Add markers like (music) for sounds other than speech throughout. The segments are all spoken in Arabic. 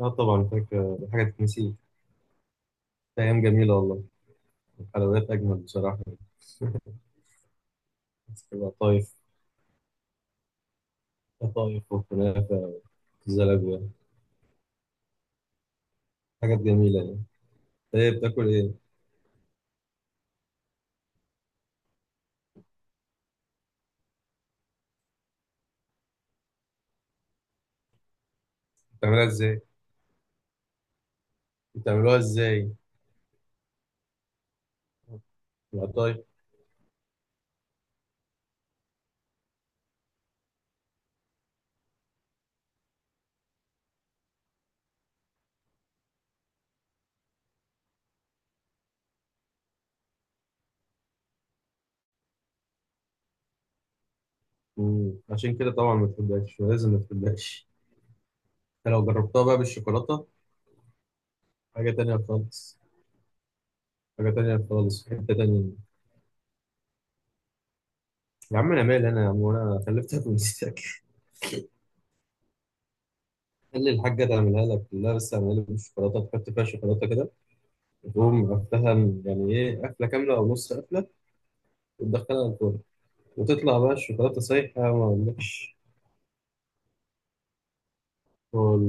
اه، طبعا فاكر. دي حاجة تتنسي؟ أيام جميلة والله. الحلويات أجمل بصراحة. (laughs) القطايف. القطايف والكنافة، والزلابية. حاجات جميلة يعني. إيه بتاكل إيه؟ بتعملها إزاي؟ بتعملوها إزاي؟ القطايف. عشان كده طبعا ما تحبهاش، ولازم ما تحبهاش. أنت لو جربتها بقى بالشوكولاتة، حاجة تانية خالص. حاجة تانية خالص، في حتة تانية. يا عم أنا مالي، أنا يا عم وأنا خلفتك ونسيتك. (laughs) خلي الحاجة تعملها لك، لا بس اعملها لي بالشوكولاتة، تحط فيها شوكولاتة كده، تقوم قفلها. يعني ايه؟ قفله كامله او نص قفله، وتدخلها الفرن، وتطلع بقى الشوكولاته سايحه ما اقولكش. هو ال-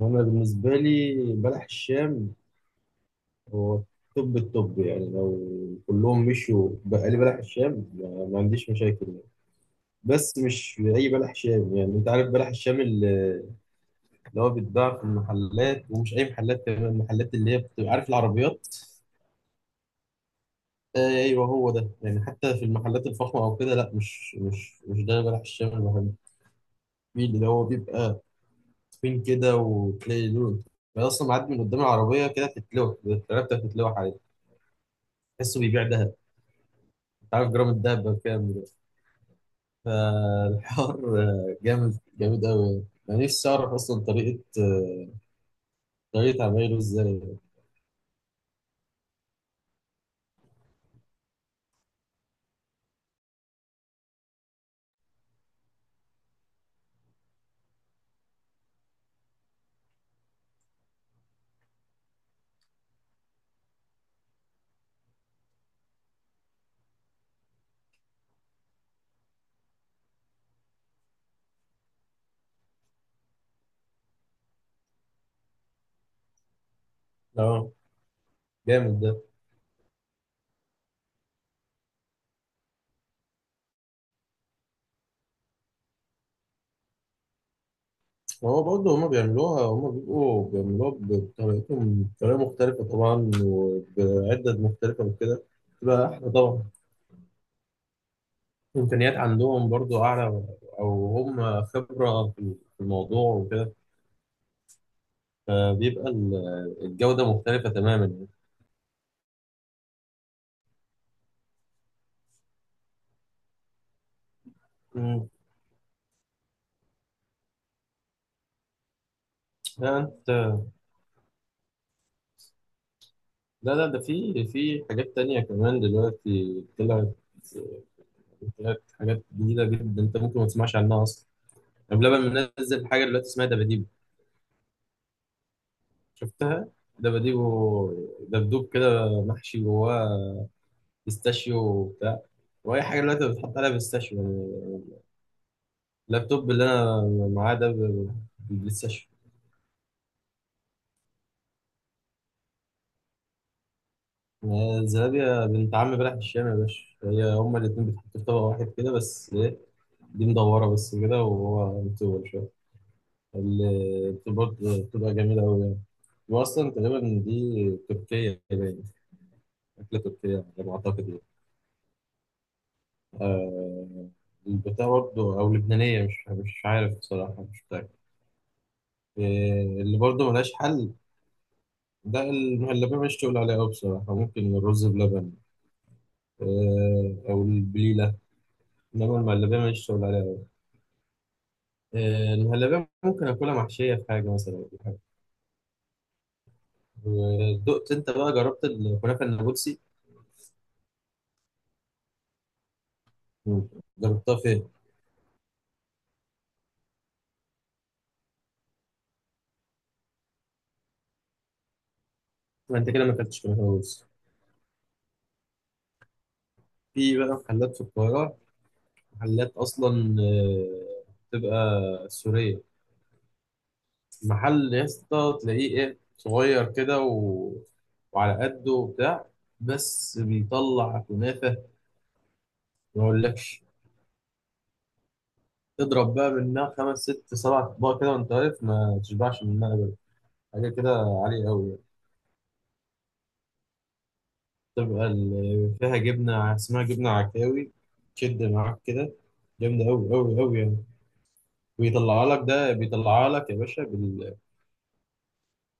انا بالنسبه لي بلح الشام هو توب التوب، يعني لو كلهم مشوا، بقى لي بلح الشام ما عنديش مشاكل يعني. بس مش اي بلح شام، يعني انت عارف بلح الشام اللي هو بيتباع في المحلات، ومش اي محلات كمان، المحلات اللي هي بتبقى عارف العربيات. ايوه هو ده يعني، حتى في المحلات الفخمه او كده لا، مش ده بلح الشام اللي بحبه. في اللي هو بيبقى تخين كده، وتلاقي لون، أنا أصلا معدي من قدام العربية كده، تتلوح العربية بتتلوح عليه، تحسه بيبيع دهب. أنت عارف جرام الدهب بكام دلوقتي؟ فالحوار (laughs) جامد جامد أوي يعني. أنا نفسي أعرف أصلا طريقة، طريقة عمايله إزاي. أه، جامد ده. هو برضه هما بيعملوها، هما بيبقوا بيعملوها بطريقتهم، بطريقة مختلفة طبعا، وبعدد مختلفة وكده، تبقى أحلى طبعا. إمكانيات عندهم برضو أعلى، أو هم خبرة في الموضوع وكده، فبيبقى ال- الجودة مختلفة تماما يعني. أمم، لا أنت، لا لا، ده في حاجات تانية كمان دلوقتي طلعت. طلعت حاجات جديدة جدا، أنت ممكن ما تسمعش عنها أصلا. يعني بلبن منزل حاجة دلوقتي اسمها دباديبو. شفتها؟ دباديبو، دبدوب كده محشي جواه بيستاشيو وبتاع. وأي حاجة دلوقتي بتحط عليها بيستاشيو يعني. اللابتوب اللي انا معاه ده بالبلاي ستيشن. ما زلابيا بنت عم بلح الشام يا باشا، هي هما الاتنين بيتحطوا في طبق واحد كده، بس ايه، دي مدورة بس كده، وهو مطول شوية. اللي برضه بتبقى جميلة أوي يعني. وأصلا تقريبا دي تركية باين، أكلة تركية يعني على ما أعتقد يعني. آه، البتاع برضه أو لبنانية، مش عارف بصراحة، مش متأكد. آه، اللي برضه ملهاش حل. ده المهلبية مش تقول عليها أوي بصراحة، ممكن الرز بلبن، او البليله، انما المهلبيه ماليش شغل عليها أوي. المهلبيه ممكن اكلها محشيه في حاجه مثلا، أو حاجه. ودقت انت بقى جربت الكنافه النابلسي؟ مم. جربتها فين؟ ما انت كده ما اكلتش كنافه نابلسي. في بقى محلات في القاهره، محلات اصلا بتبقى سوريه. محل يا اسطى تلاقيه ايه صغير كده و... وعلى قده وبتاع، بس بيطلع كنافه ما اقولكش. تضرب بقى منها خمس ست سبع اطباق كده وانت واقف، ما تشبعش منها ابدا. حاجه كده عاليه قوي يعني. فيها جبنه اسمها جبنه عكاوي، تشد معاك كده، جامده قوي قوي قوي يعني. ويطلع لك ده، بيطلع لك يا باشا بال...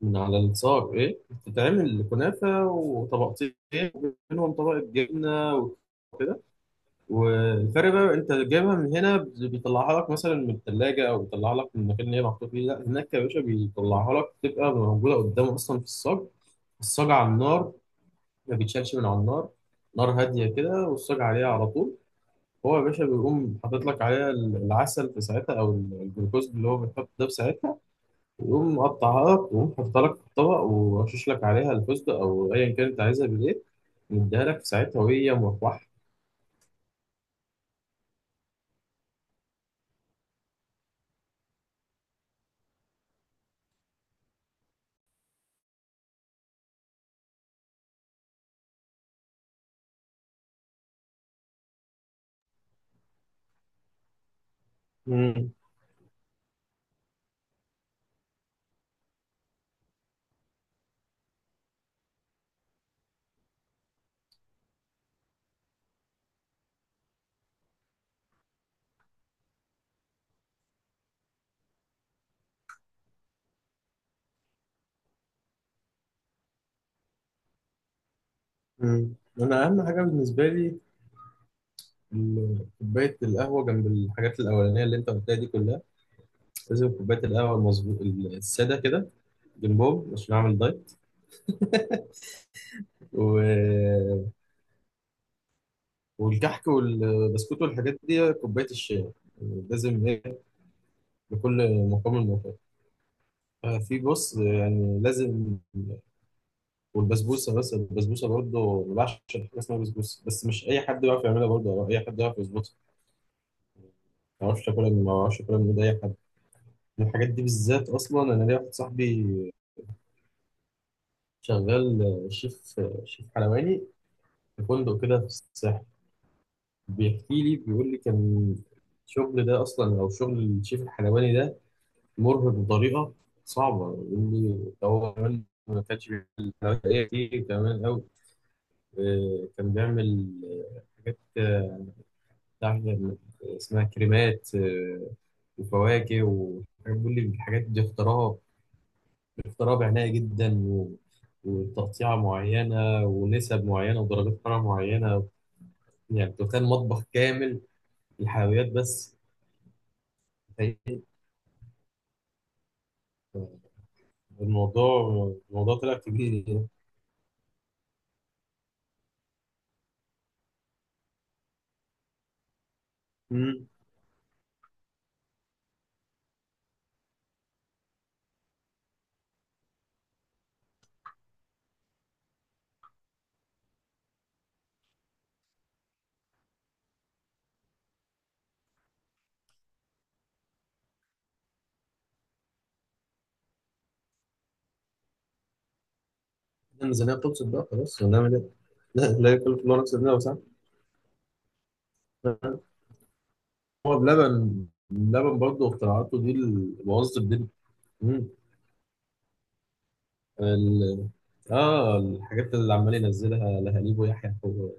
من على الصاج ايه، بتتعمل كنافه وطبقتين، وبينهم طبقه جبنه. والفرق بقى، انت جايبها من هنا بيطلعها لك مثلا من الثلاجه، او بيطلعها لك من المكان اللي هي محطوط فيه، لا هناك يا باشا بيطلعها لك تبقى موجوده قدامه اصلا في الصاج. الصاج على النار، ما بيتشالش من على النار، نار هاديه كده والصاج عليها على طول. هو يا باشا بيقوم حاطط لك عليها العسل في ساعتها، او الجلوكوز اللي هو بيتحط ده في ساعتها، ويقوم مقطعها لك، ويقوم حاططها لك في الطبق، ورشش لك عليها الفستق او ايا كان انت عايزها بالايه، مديها لك في ساعتها وهي مروحه. مم. انا اهم حاجه بالنسبه لي كوبايه القهوه، جنب الحاجات الاولانيه اللي انت قلتها دي كلها، لازم كوبايه القهوه المظبوط الساده كده جنبهم عشان اعمل دايت. و... والكحك والبسكوت والحاجات دي كوبايه الشاي لازم ايه، لكل مقام مقام. في بص يعني لازم. والبسبوسه، بس البسبوسه برضه ما بعشقش حاجه اسمها بسبوسه، بس مش اي حد بيعرف يعملها برضه، او اي حد يعرف يظبطها. ما اعرفش اكلها من ايد اي حد. الحاجات دي بالذات، اصلا انا ليا واحد صاحبي شغال شيف، شيف حلواني في فندق كده في الساحل. بيحكي لي بيقول لي كان الشغل ده اصلا، او شغل الشيف الحلواني ده، مرهق بطريقه صعبه. يقول لي ده هو كمان ما كانش بيعمل حلويات ايه كتير كمان قوي، كان بيعمل حاجات، بتاع- اسمها كريمات، وفواكه وحاجات. بيقول لي الحاجات دي اختراها اضطراب عناية جدا، و... وتقطيعة معينة، ونسب معينة، ودرجات حرارة معينة. يعني تخيل مطبخ كامل الحلويات بس، تخيل. الموضوع الموضوع طلع كبير يعني. امم الميزانية بتبسط بقى خلاص، ونعمل ايه؟ لا لا، يكلف الله نفسا إلا وسعها. هو بلبن، بلبن برضه اختراعاته دي الموظف دي. مم. ال... اه الحاجات اللي عمال ينزلها لهاليب ويحيى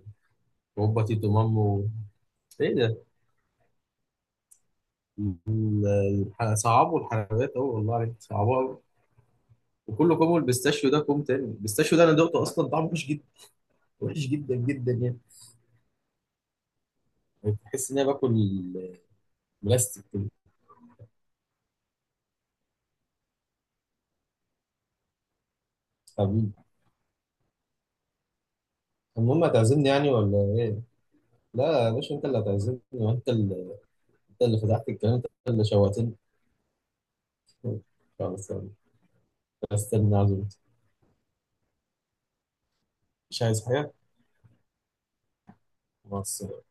وهوبا تيتو مامو، ايه ده؟ صعبوا الحلويات أوي، والله عليك صعبوها أوي. وكل كوم، البيستاشيو ده كوم تاني. البيستاشيو ده أنا دقته أصلا طعمه وحش جدا، وحش جدا جدا يعني، تحس إن أنا باكل بلاستيك كده. حبيبي، المهم هتعزمني يعني ولا إيه؟ لا يا باشا أنت اللي هتعزمني، وأنت اللي أنت اللي فتحت الكلام، أنت اللي شوهتني. خلاص يلا. استنى عزمت. مش عايز حاجة؟ مع السلامة.